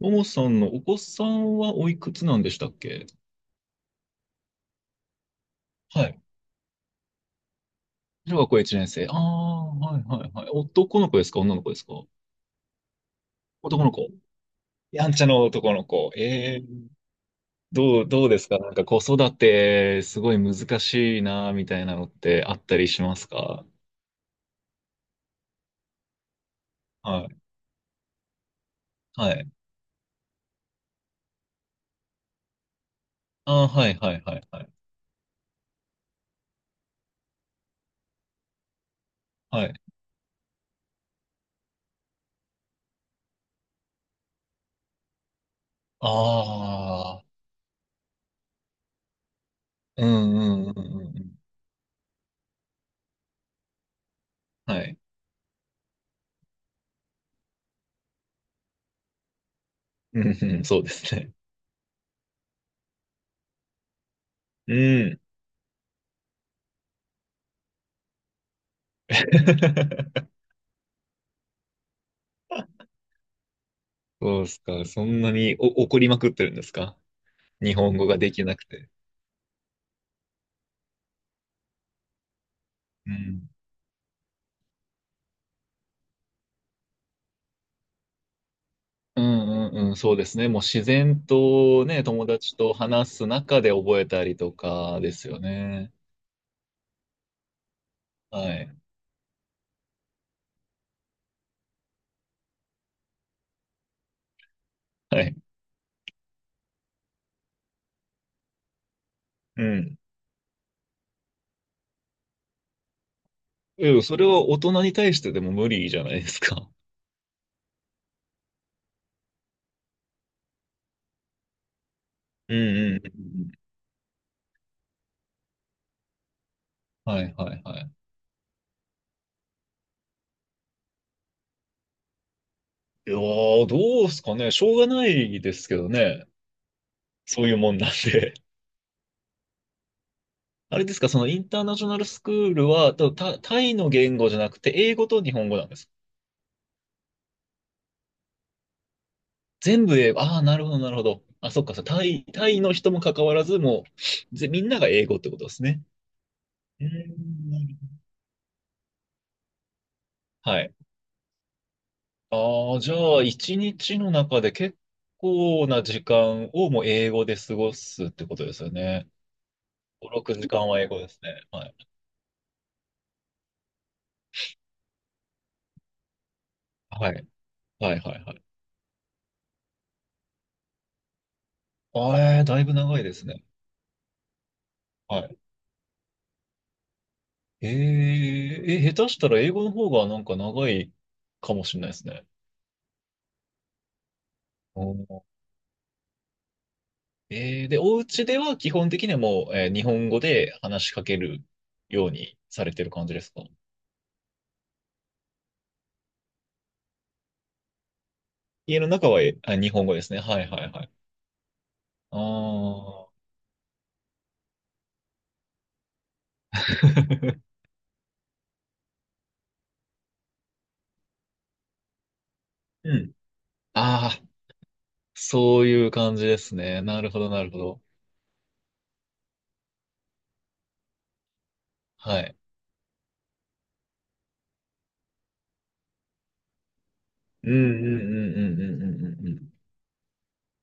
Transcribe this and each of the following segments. ももさんのお子さんはおいくつなんでしたっけ？はい。小学校1年生。ああ、はいはいはい。男の子ですか、女の子ですか？男の子。やんちゃの男の子。ええ。どうですか、なんか子育て、すごい難しいな、みたいなのってあったりしますか？はい。はい。ああ、はいはいはいはい。はい。ああ、うんうんうんうんうん。はい。うんうん、そうですね。うん。そうですか。そんなにお怒りまくってるんですか？日本語ができなくて。うん。うんうんうん、そうですね。もう自然とね、友達と話す中で覚えたりとかですよね。はい。はい。うん。いや、それは大人に対してでも無理じゃないですか。うんうんうん。はいはいはい。いやー、どうすかね。しょうがないですけどね。そういうもんなんで。あれですか、そのインターナショナルスクールは、タイの言語じゃなくて、英語と日本語なんですか？全部英語。ああ、なるほど、なるほど。あ、そっか、そう、タイの人も関わらず、もう、みんなが英語ってことですね。うーん。はい。ああ、じゃあ、一日の中で結構な時間をもう英語で過ごすってことですよね。5、6時間は英語ですね。はい。はい。はい、はい、はい。あ、だいぶ長いですね。はい。下手したら英語の方がなんか長いかもしれないですね。で、お家では基本的にはもう、日本語で話しかけるようにされてる感じですか？家の中は、日本語ですね。はいはいはい。ああ。うん。ああ、そういう感じですね。なるほどなるほど。はい。うんうんうんうんうんうんうんうん。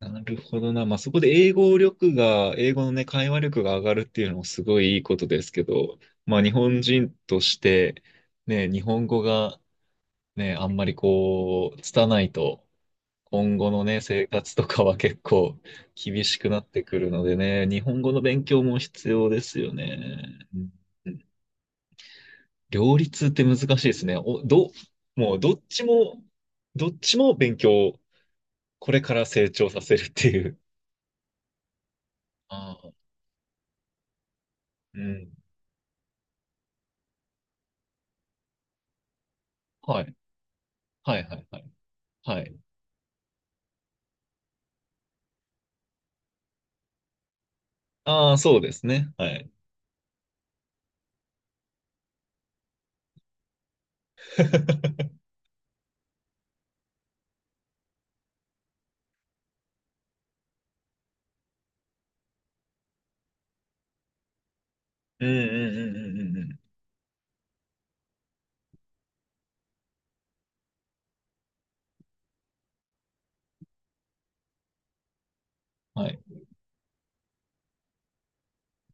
なるほどな。まあ、そこで英語力が、英語のね、会話力が上がるっていうのもすごいいいことですけど、まあ、日本人として、ね、日本語がね、あんまりこう、拙いと、今後のね、生活とかは結構厳しくなってくるのでね、日本語の勉強も必要ですよね。うんうん。両立って難しいですね。もうどっちも、どっちも勉強、これから成長させるっていう。ああ、うん。はい。はいはいはい。はい。ああ、そうですね。はい。うんうんうんうんうんうん。はい。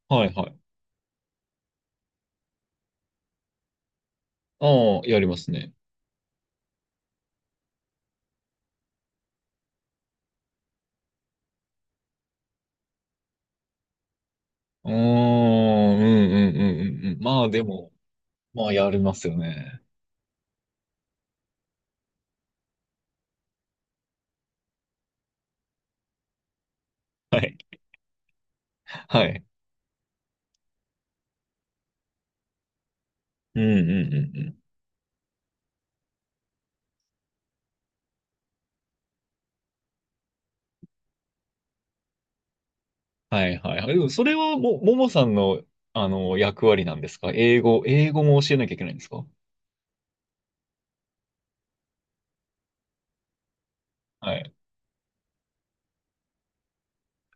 はいはい。ああ、やりますね。うーん、うんうんうんうんうん。まあでも、まあ、やりますよね。はい。はい。うんうんうんうん。はいはいはい。でも、それは、もさんの、役割なんですか？英語も教えなきゃいけないんですか？はい。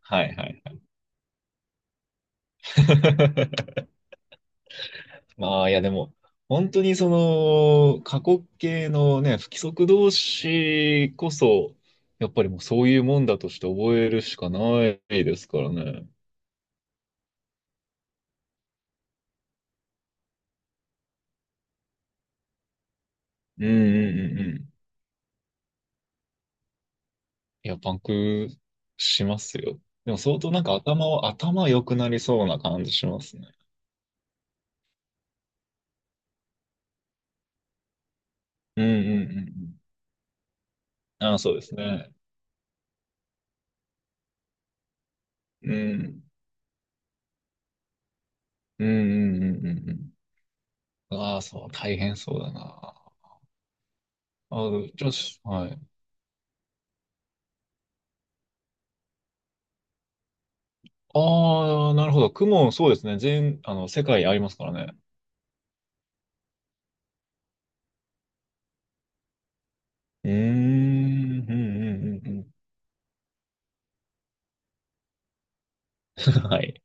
はいはいはい。まあ、いやでも、本当にその、過去形のね、不規則動詞こそ、やっぱりもうそういうもんだとして覚えるしかないですからね。うんうんうんうん。いや、パンクしますよ。でも相当なんか頭良くなりそうな感じしますね。うんうんうんうん。ああ、そうですね。うん。うんうんうんうんうん。ああ、そう、大変そうだな。ああ、ちょっと、はい。ああ、なるほど。雲、そうですね。全、あの、世界ありますからね。うーん、うんうんうんうん。はい。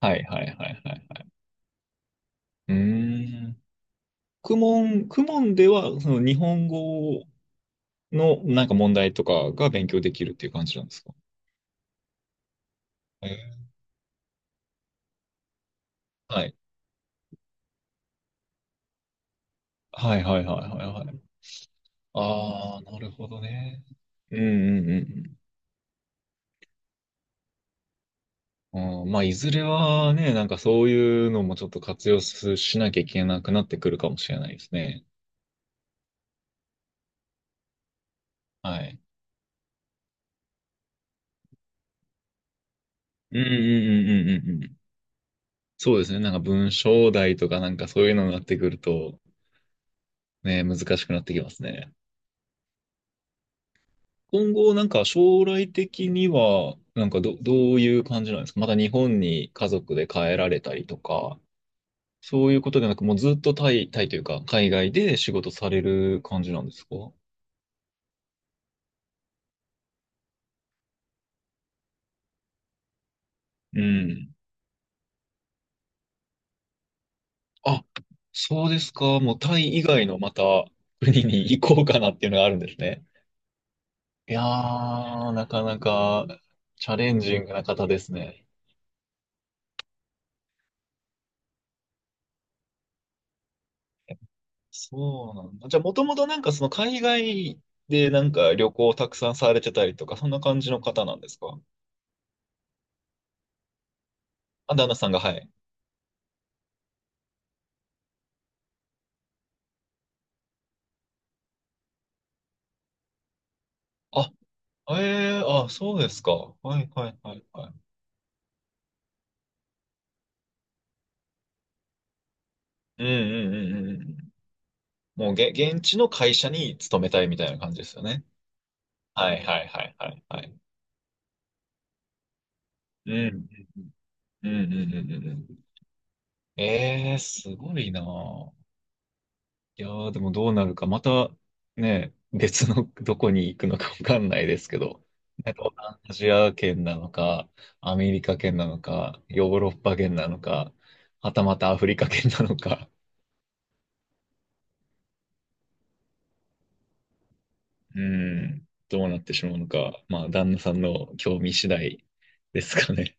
はいはいはいはい。うーん。クモンでは、その日本語の、なんか問題とかが勉強できるっていう感じなんですか？えーはい。はいはいはいはいはい。ああ、なるほどね。うんうんうんうん。まあ、いずれはね、なんかそういうのもちょっと活用すしなきゃいけなくなってくるかもしれないですね。はい。うんうんうんうんうんうん。そうですね。なんか文章題とかなんかそういうのになってくると、ね、難しくなってきますね。今後、なんか将来的には、なんかどういう感じなんですか？また日本に家族で帰られたりとか、そういうことでなく、もうずっとタイというか、海外で仕事される感じなんですか？うん。あ、そうですか。もうタイ以外のまた国に行こうかなっていうのがあるんですね。いやー、なかなか。チャレンジングな方ですね。そうなんだ。じゃあ、もともとなんかその海外でなんか旅行をたくさんされてたりとか、そんな感じの方なんですか？あ、旦那さんが、はい。あ、ええあ、そうですか。はいはいはいはい。うんうんうんうんうん。もう現地の会社に勤めたいみたいな感じですよね。はいはいはいはいはい。うんうんうんうんうんうんうん。ええ、すごいなぁ。いやー、でもどうなるか、またね、別のどこに行くのかわかんないですけど、なんかアジア圏なのか、アメリカ圏なのか、ヨーロッパ圏なのか、はたまたアフリカ圏なのか、うん、どうなってしまうのか、まあ、旦那さんの興味次第ですかね。